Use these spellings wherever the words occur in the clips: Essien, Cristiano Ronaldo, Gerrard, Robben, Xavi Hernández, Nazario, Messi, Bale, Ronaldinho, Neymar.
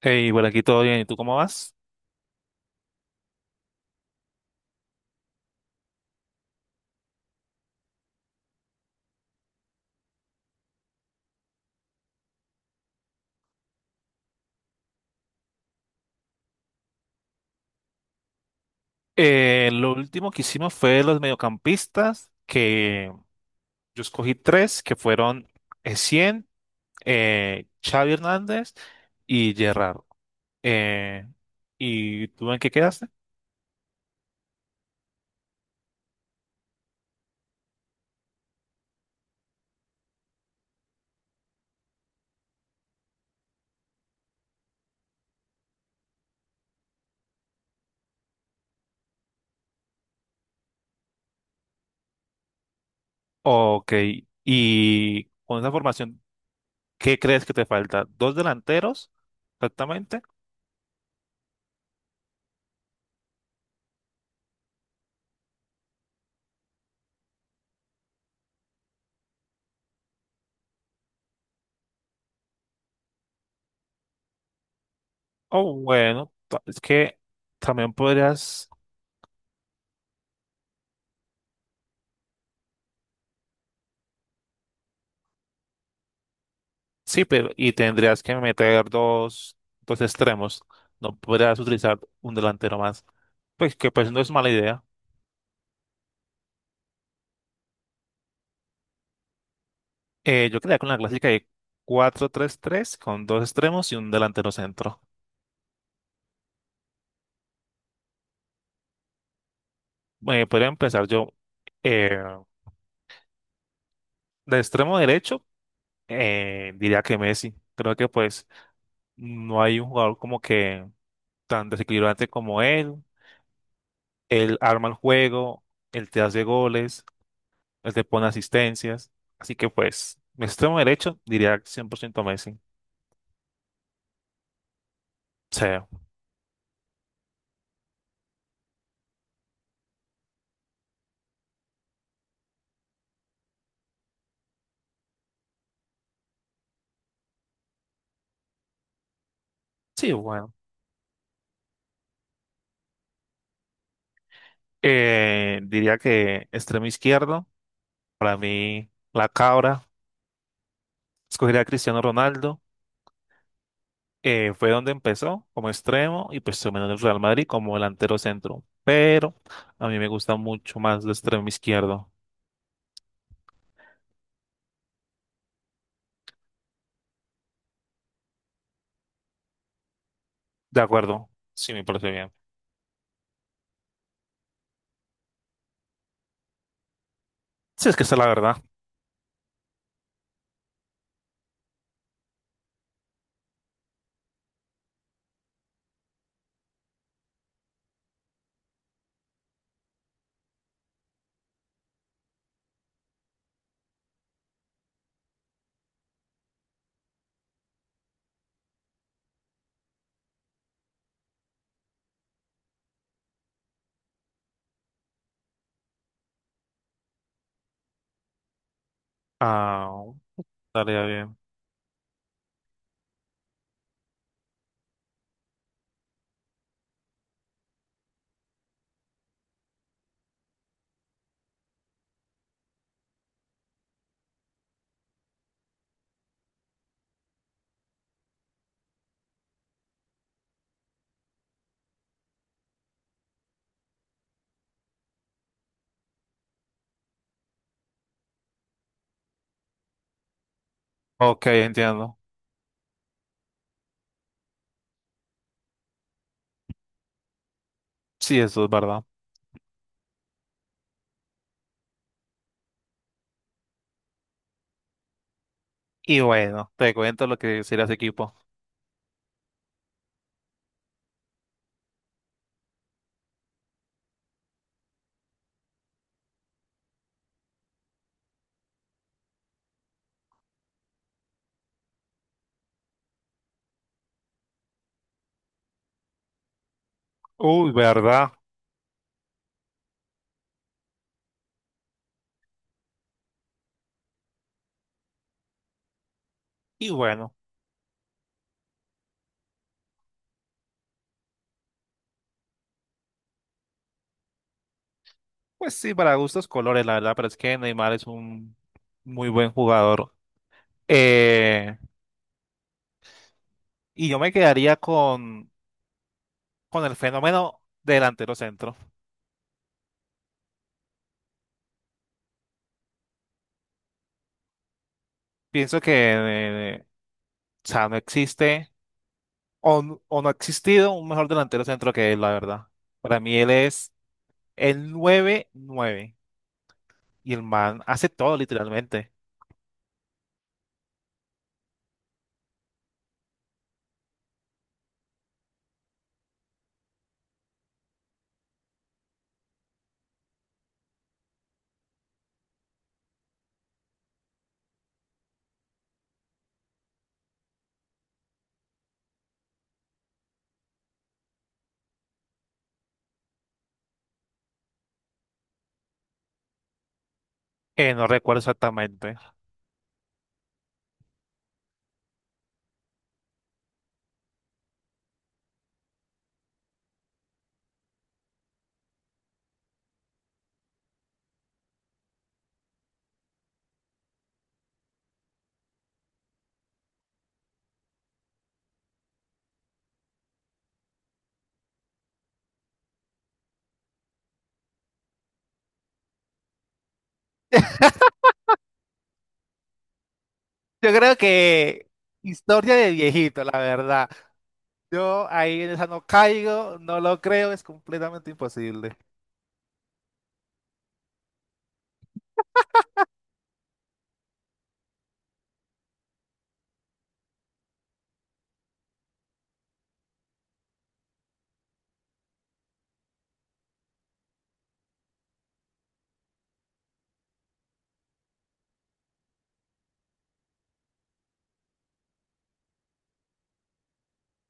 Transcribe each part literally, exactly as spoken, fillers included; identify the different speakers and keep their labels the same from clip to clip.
Speaker 1: Hey, bueno, aquí todo bien. ¿Y tú cómo vas? Eh, lo último que hicimos fue los mediocampistas, que yo escogí tres, que fueron Essien, eh, Xavi Hernández y Gerrard. Eh, ¿y tú en qué quedaste? Ok, y con esa formación, ¿qué crees que te falta? ¿Dos delanteros exactamente? O bueno, ta- es que también podrías. Sí, pero y tendrías que meter dos, dos extremos. No podrías utilizar un delantero más. Pues que pues no es mala idea. Eh, yo quedaría con la clásica de cuatro tres tres con dos extremos y un delantero centro. Eh, podría empezar yo eh, de extremo derecho, eh, diría que Messi. Creo que pues no hay un jugador como que tan desequilibrante como él. Él arma el juego, él te hace goles, él te pone asistencias. Así que pues, mi extremo derecho diría cien por ciento Messi. Sí, sí, bueno. Eh, diría que extremo izquierdo, para mí la cabra, escogería a Cristiano Ronaldo. Eh, fue donde empezó como extremo y pues terminó en el Real Madrid como delantero centro. Pero a mí me gusta mucho más el extremo izquierdo. De acuerdo, sí me parece bien. Sí, es que esa es la verdad. Ah, estaría bien. Ok, entiendo. Sí, eso es verdad. Y bueno, te cuento lo que sería ese equipo. Uy, ¿verdad? Y bueno, pues sí, para gustos colores, la verdad, pero es que Neymar es un muy buen jugador. Eh, y yo me quedaría con, con el fenómeno delantero centro. Pienso que, eh, o sea, no existe o, n- o no ha existido un mejor delantero centro que él, la verdad. Para mí él es el nueve nueve, y el man hace todo literalmente. Eh, no recuerdo exactamente. Yo creo que historia de viejito, la verdad. Yo ahí en esa no caigo, no lo creo, es completamente imposible.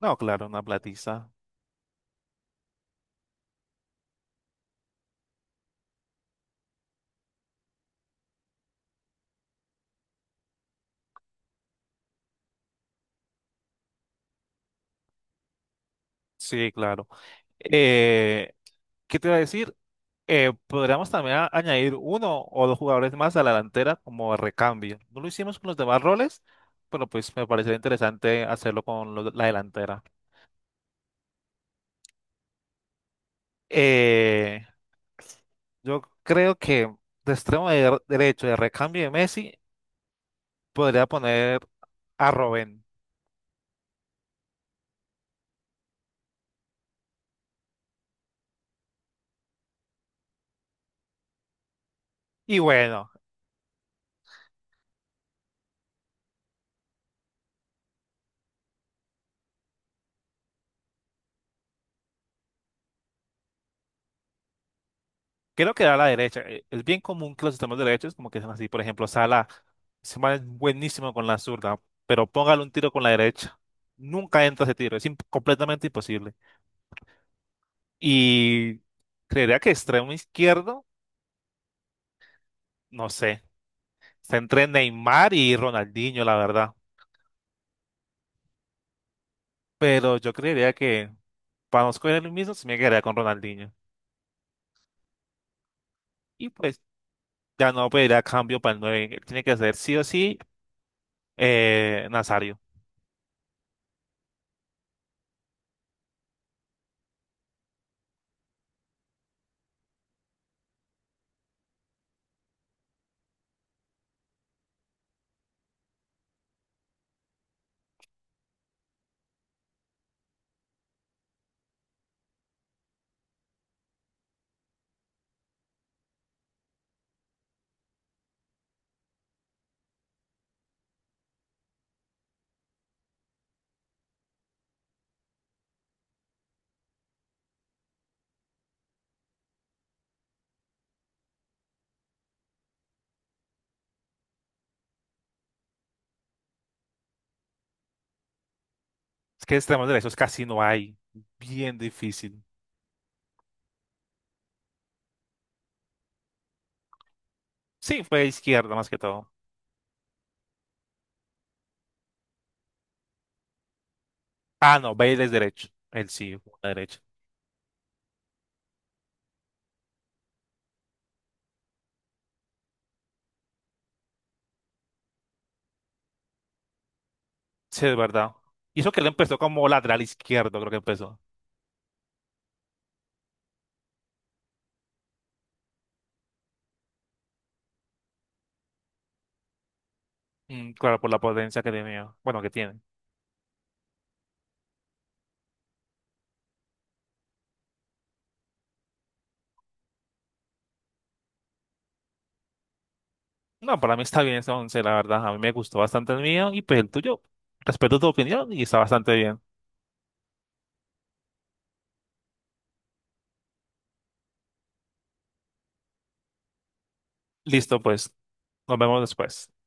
Speaker 1: No, claro, una platiza. Sí, claro. Eh, ¿qué te iba a decir? Eh, podríamos también a- añadir uno o dos jugadores más a la delantera como recambio. No lo hicimos con los demás roles, pero pues me parecería interesante hacerlo con lo- la delantera. Eh, yo creo que de extremo de- derecho de recambio de Messi podría poner a Robben. Y bueno, creo que da la derecha. Eh, Es bien común que los sistemas de derechos, como que sean así, por ejemplo, Sala, se es buenísimo con la zurda, pero póngale un tiro con la derecha. Nunca entra ese tiro, es imp- completamente imposible. Y creería que extremo izquierdo, no sé, está entre Neymar y Ronaldinho, la verdad. Pero yo creería que para no escoger el mismo, se me quedaría con Ronaldinho. Y pues ya no pediría cambio para el nueve. Tiene que ser sí o sí eh, Nazario. Es que de extremos derechos casi no hay. Bien difícil. Sí, fue izquierda más que todo. Ah, no, Bale es derecho. Él sí, jugó a la derecha. Sí, es verdad. Y eso que él empezó como lateral izquierdo, creo que empezó. Mm, claro, por la potencia que tenía. Bueno, que tiene. No, para mí está bien ese once, la verdad. A mí me gustó bastante el mío y pues el tuyo. Respeto tu opinión y está bastante bien. Listo, pues. Nos vemos después.